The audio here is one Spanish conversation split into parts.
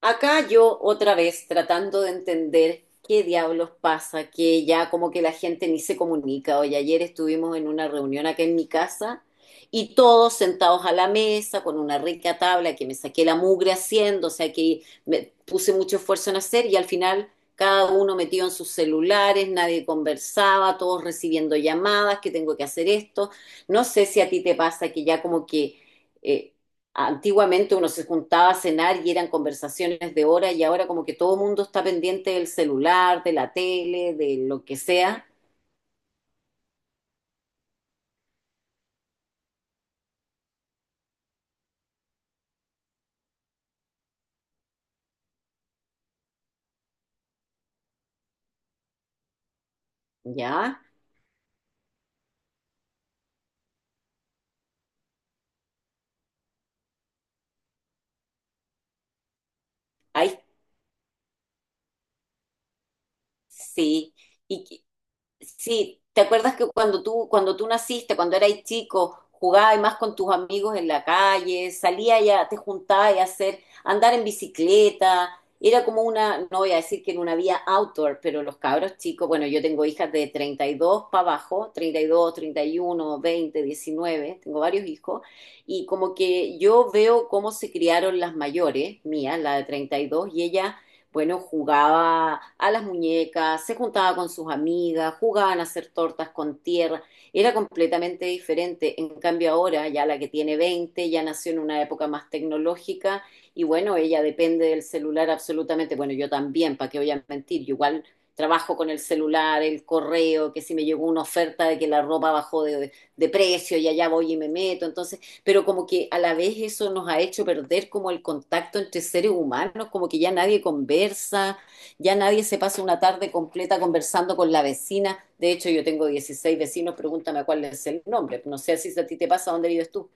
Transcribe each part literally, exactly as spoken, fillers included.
Acá yo otra vez tratando de entender qué diablos pasa, que ya como que la gente ni se comunica. Hoy ayer estuvimos en una reunión acá en mi casa y todos sentados a la mesa con una rica tabla que me saqué la mugre haciendo, o sea que me puse mucho esfuerzo en hacer y al final cada uno metido en sus celulares, nadie conversaba, todos recibiendo llamadas, que tengo que hacer esto. No sé si a ti te pasa que ya, como que eh, antiguamente uno se juntaba a cenar y eran conversaciones de horas y ahora como que todo el mundo está pendiente del celular, de la tele, de lo que sea. ¿Ya? Hay Sí, y que- sí, ¿te acuerdas que cuando tú, cuando tú naciste, cuando eras chico, jugabas más con tus amigos en la calle, salías ya, te juntabas a hacer, andar en bicicleta, era como una, no voy a decir que en una vía outdoor, pero los cabros chicos? Bueno, yo tengo hijas de treinta y dos para abajo: treinta, treinta y dos, treinta y uno, veinte, diecinueve; tengo varios hijos, y como que yo veo cómo se criaron las mayores, mía, la de treinta y dos, y dos, y ellas, bueno, jugaba a las muñecas, se juntaba con sus amigas, jugaban a hacer tortas con tierra, era completamente diferente. En cambio ahora, ya la que tiene veinte ya nació en una época más tecnológica y bueno, ella depende del celular absolutamente. Bueno, yo también, ¿para qué voy a mentir? Yo igual trabajo con el celular, el correo, que si me llegó una oferta de que la ropa bajó de, de precio y allá voy y me meto. Entonces, pero como que a la vez eso nos ha hecho perder como el contacto entre seres humanos, como que ya nadie conversa, ya nadie se pasa una tarde completa conversando con la vecina. De hecho, yo tengo dieciséis vecinos, pregúntame cuál es el nombre. No sé si a ti te pasa. ¿Dónde vives tú?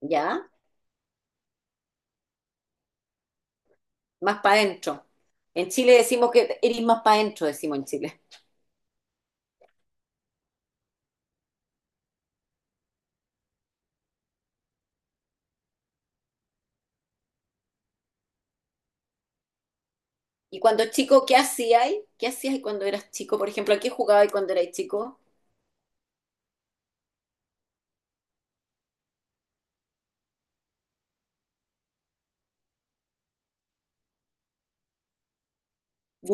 ¿Ya? Más para adentro. En Chile decimos que eres más para adentro, decimos en Chile. Y cuando chico, ¿qué hacías? ¿Qué hacías cuando eras chico? Por ejemplo, ¿a qué jugabas cuando eras chico?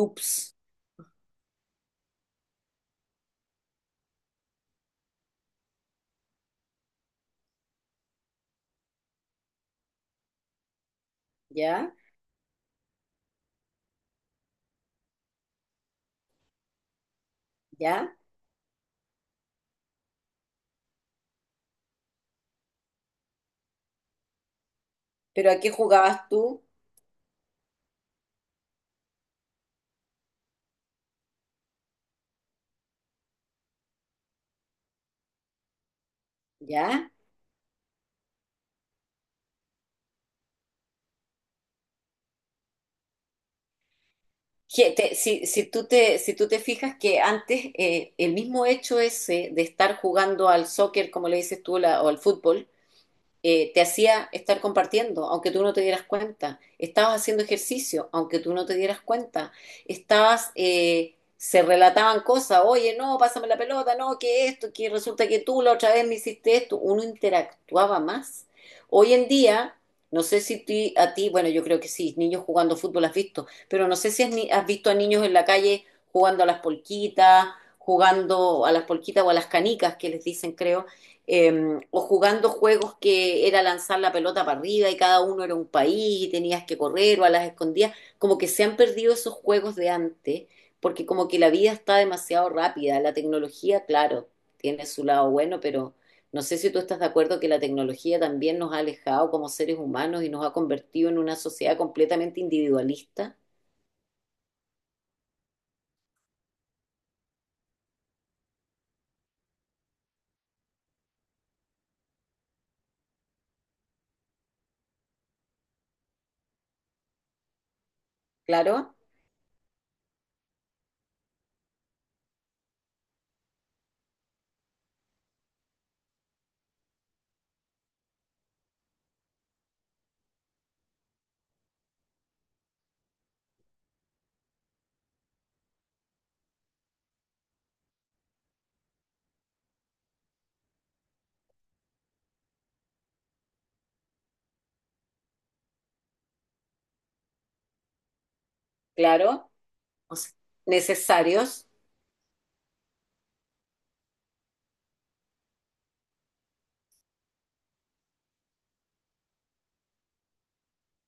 Ups. ¿Ya? ¿Ya? ¿Pero a qué jugabas tú? ¿Ya? Que te- si, si tú te, si tú te fijas que antes, eh, el mismo hecho ese de estar jugando al soccer, como le dices tú, la- o al fútbol, eh, te hacía estar compartiendo, aunque tú no te dieras cuenta. Estabas haciendo ejercicio, aunque tú no te dieras cuenta. Estabas, eh, se relataban cosas: oye, no, pásame la pelota, no, que esto, que resulta que tú la otra vez me hiciste esto. Uno interactuaba más. Hoy en día, no sé si ti- a ti, bueno, yo creo que sí, niños jugando fútbol has visto, pero no sé si has, ni- has visto a niños en la calle jugando a las polquitas, jugando a las polquitas o a las canicas que les dicen, creo, eh, o jugando juegos que era lanzar la pelota para arriba y cada uno era un país y tenías que correr, o a las escondidas. Como que se han perdido esos juegos de antes, porque como que la vida está demasiado rápida, la tecnología, claro, tiene su lado bueno, pero no sé si tú estás de acuerdo que la tecnología también nos ha alejado como seres humanos y nos ha convertido en una sociedad completamente individualista. Claro, claro, o sea, necesarios.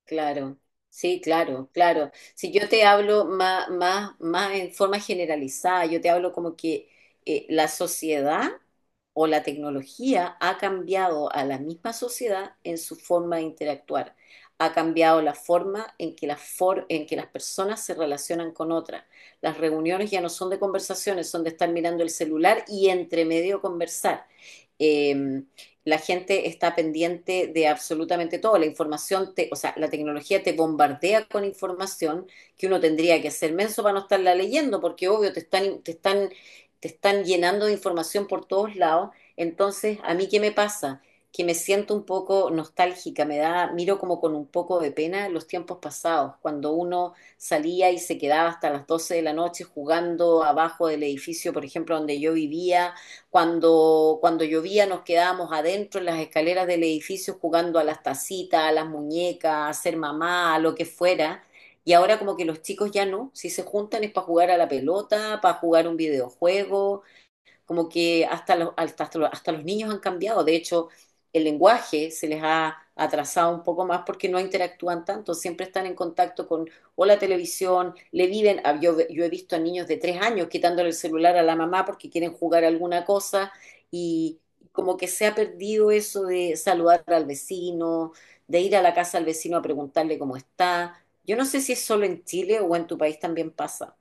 Claro, sí, claro, claro. Si yo te hablo más, más, más en forma generalizada, yo te hablo como que, eh, la sociedad o la tecnología ha cambiado a la misma sociedad en su forma de interactuar. Ha cambiado la forma en que, las for- en que las personas se relacionan con otras. Las reuniones ya no son de conversaciones, son de estar mirando el celular y entre medio conversar. Em, la gente está pendiente de absolutamente todo. La información, te, o sea, la tecnología te bombardea con información que uno tendría que ser menso para no estarla leyendo, porque obvio te están, te están, te están llenando de información por todos lados. Entonces, ¿a mí qué me pasa? Que me siento un poco nostálgica, me da, miro como con un poco de pena los tiempos pasados, cuando uno salía y se quedaba hasta las doce de la noche jugando abajo del edificio, por ejemplo, donde yo vivía; cuando, cuando llovía, nos quedábamos adentro en las escaleras del edificio jugando a las tacitas, a las muñecas, a ser mamá, a lo que fuera. Y ahora como que los chicos ya no, si se juntan es para jugar a la pelota, para jugar un videojuego, como que hasta los, hasta, hasta los, hasta los niños han cambiado. De hecho, el lenguaje se les ha atrasado un poco más porque no interactúan tanto, siempre están en contacto con, o la televisión, le viven, ah, yo, yo he visto a niños de tres años quitándole el celular a la mamá porque quieren jugar alguna cosa y como que se ha perdido eso de saludar al vecino, de ir a la casa al vecino a preguntarle cómo está. Yo no sé si es solo en Chile o en tu país también pasa.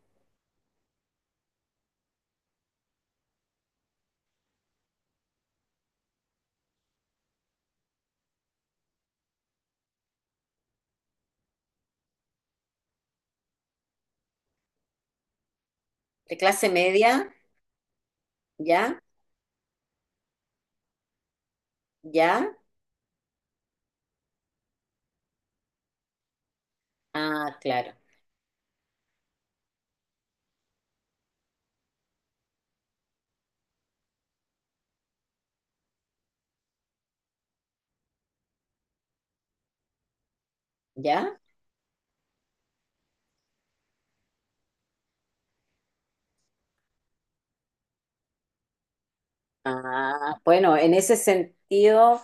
De clase media, ya, ya, ah, claro. ¿Ya? Ah, bueno, en ese sentido,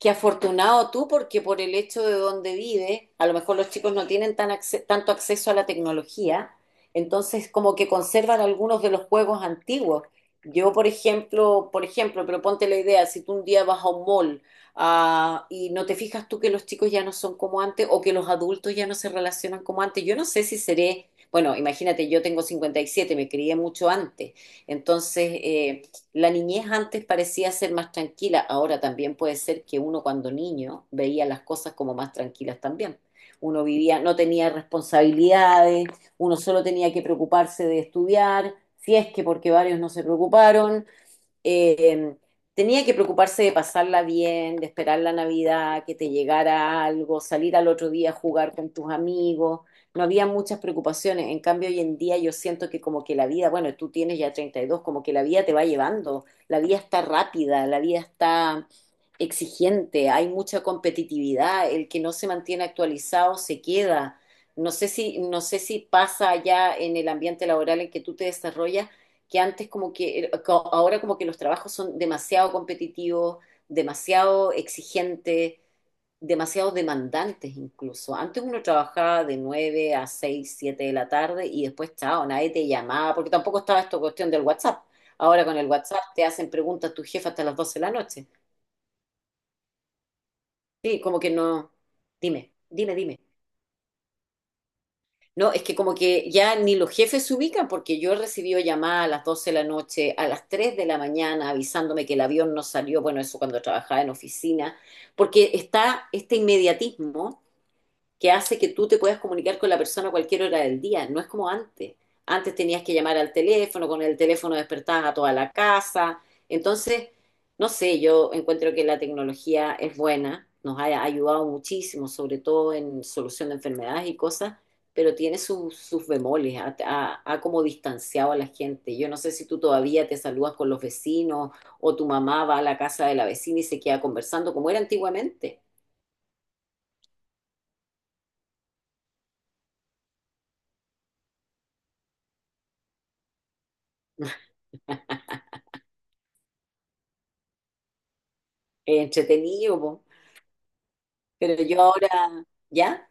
qué afortunado tú, porque por el hecho de donde vive, a lo mejor los chicos no tienen tan acce- tanto acceso a la tecnología, entonces como que conservan algunos de los juegos antiguos. Yo, por ejemplo, por ejemplo, pero ponte la idea, si tú un día vas a un mall, ah, y no te fijas tú que los chicos ya no son como antes o que los adultos ya no se relacionan como antes, yo no sé si seré, bueno, imagínate, yo tengo cincuenta y siete, me crié mucho antes, entonces, eh, la niñez antes parecía ser más tranquila, ahora también puede ser que uno cuando niño veía las cosas como más tranquilas también. Uno vivía, no tenía responsabilidades, uno solo tenía que preocuparse de estudiar, si es que, porque varios no se preocuparon, eh, tenía que preocuparse de pasarla bien, de esperar la Navidad, que te llegara algo, salir al otro día a jugar con tus amigos. No había muchas preocupaciones. En cambio, hoy en día yo siento que como que la vida, bueno, tú tienes ya treinta y dos, como que la vida te va llevando. La vida está rápida, la vida está exigente, hay mucha competitividad. El que no se mantiene actualizado se queda. No sé si, no sé si pasa ya en el ambiente laboral en que tú te desarrollas, que antes como que, ahora como que los trabajos son demasiado competitivos, demasiado exigentes, demasiado demandantes incluso. Antes uno trabajaba de nueve a seis siete de la tarde y después, chao, nadie te llamaba, porque tampoco estaba esta cuestión del WhatsApp. Ahora con el WhatsApp te hacen preguntas tu jefa hasta las doce de la noche. Sí, como que no. Dime, dime, dime. No, es que como que ya ni los jefes se ubican porque yo he recibido llamadas a las doce de la noche, a las tres de la mañana, avisándome que el avión no salió, bueno, eso cuando trabajaba en oficina, porque está este inmediatismo que hace que tú te puedas comunicar con la persona a cualquier hora del día. No es como antes. Antes tenías que llamar al teléfono, con el teléfono despertabas a toda la casa. Entonces, no sé, yo encuentro que la tecnología es buena, nos ha ayudado muchísimo, sobre todo en solución de enfermedades y cosas, pero tiene sus, sus bemoles, ha, ha- ha como distanciado a la gente. Yo no sé si tú todavía te saludas con los vecinos o tu mamá va a la casa de la vecina y se queda conversando como era antiguamente. Eh, Entretenido, po. Pero yo ahora, ¿ya?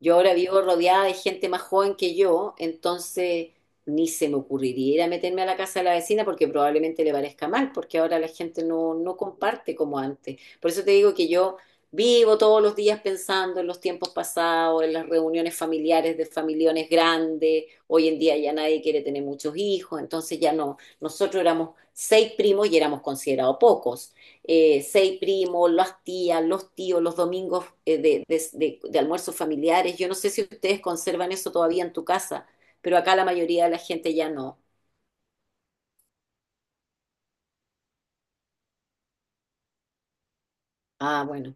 Yo ahora vivo rodeada de gente más joven que yo, entonces ni se me ocurriría ir a meterme a la casa de la vecina porque probablemente le parezca mal, porque ahora la gente no, no comparte como antes. Por eso te digo que yo vivo todos los días pensando en los tiempos pasados, en las reuniones familiares de familiones grandes. Hoy en día ya nadie quiere tener muchos hijos, entonces ya no. Nosotros éramos seis primos y éramos considerados pocos, eh, seis primos, las tías, los tíos, los domingos, eh, de, de- de- de almuerzos familiares. Yo no sé si ustedes conservan eso todavía en tu casa, pero acá la mayoría de la gente ya no. Ah, bueno.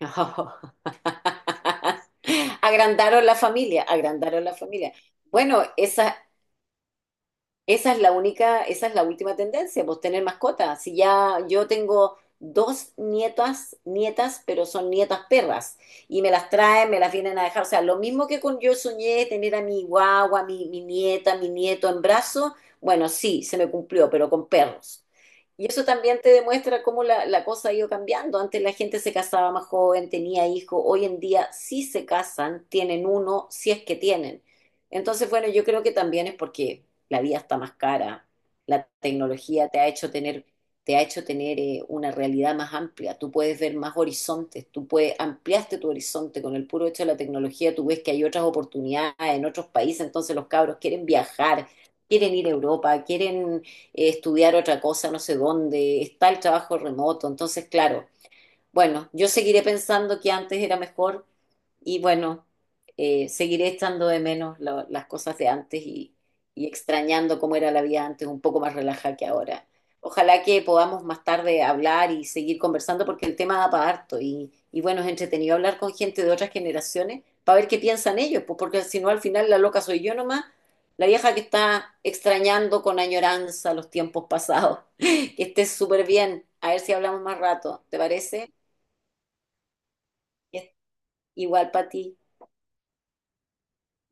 Agrandaron la familia, agrandaron la familia. Bueno, esa, esa es la única, esa es la última tendencia, pues tener mascotas. Si ya yo tengo dos nietas, nietas, pero son nietas perras, y me las traen, me las vienen a dejar. O sea, lo mismo que con, yo soñé tener a mi guagua, mi, mi nieta, mi nieto en brazos; bueno, sí, se me cumplió, pero con perros. Y eso también te demuestra cómo la, la cosa ha ido cambiando. Antes la gente se casaba más joven, tenía hijos, hoy en día sí se casan, tienen uno, si es que tienen. Entonces, bueno, yo creo que también es porque la vida está más cara, la tecnología te ha hecho tener, te ha hecho tener eh, una realidad más amplia, tú puedes ver más horizontes, tú puedes, ampliaste tu horizonte con el puro hecho de la tecnología, tú ves que hay otras oportunidades en otros países, entonces los cabros quieren viajar, quieren ir a Europa, quieren, eh, estudiar otra cosa, no sé dónde, está el trabajo remoto, entonces claro, bueno, yo seguiré pensando que antes era mejor y bueno, eh, seguiré echando de menos lo- las cosas de antes y, y extrañando cómo era la vida antes, un poco más relajada que ahora. Ojalá que podamos más tarde hablar y seguir conversando porque el tema da para harto y, y bueno, es entretenido hablar con gente de otras generaciones para ver qué piensan ellos, pues porque si no al final la loca soy yo nomás, la vieja que está extrañando con añoranza los tiempos pasados. Que estés súper bien, a ver si hablamos más rato, ¿te parece? Yes. Igual para ti,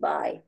bye.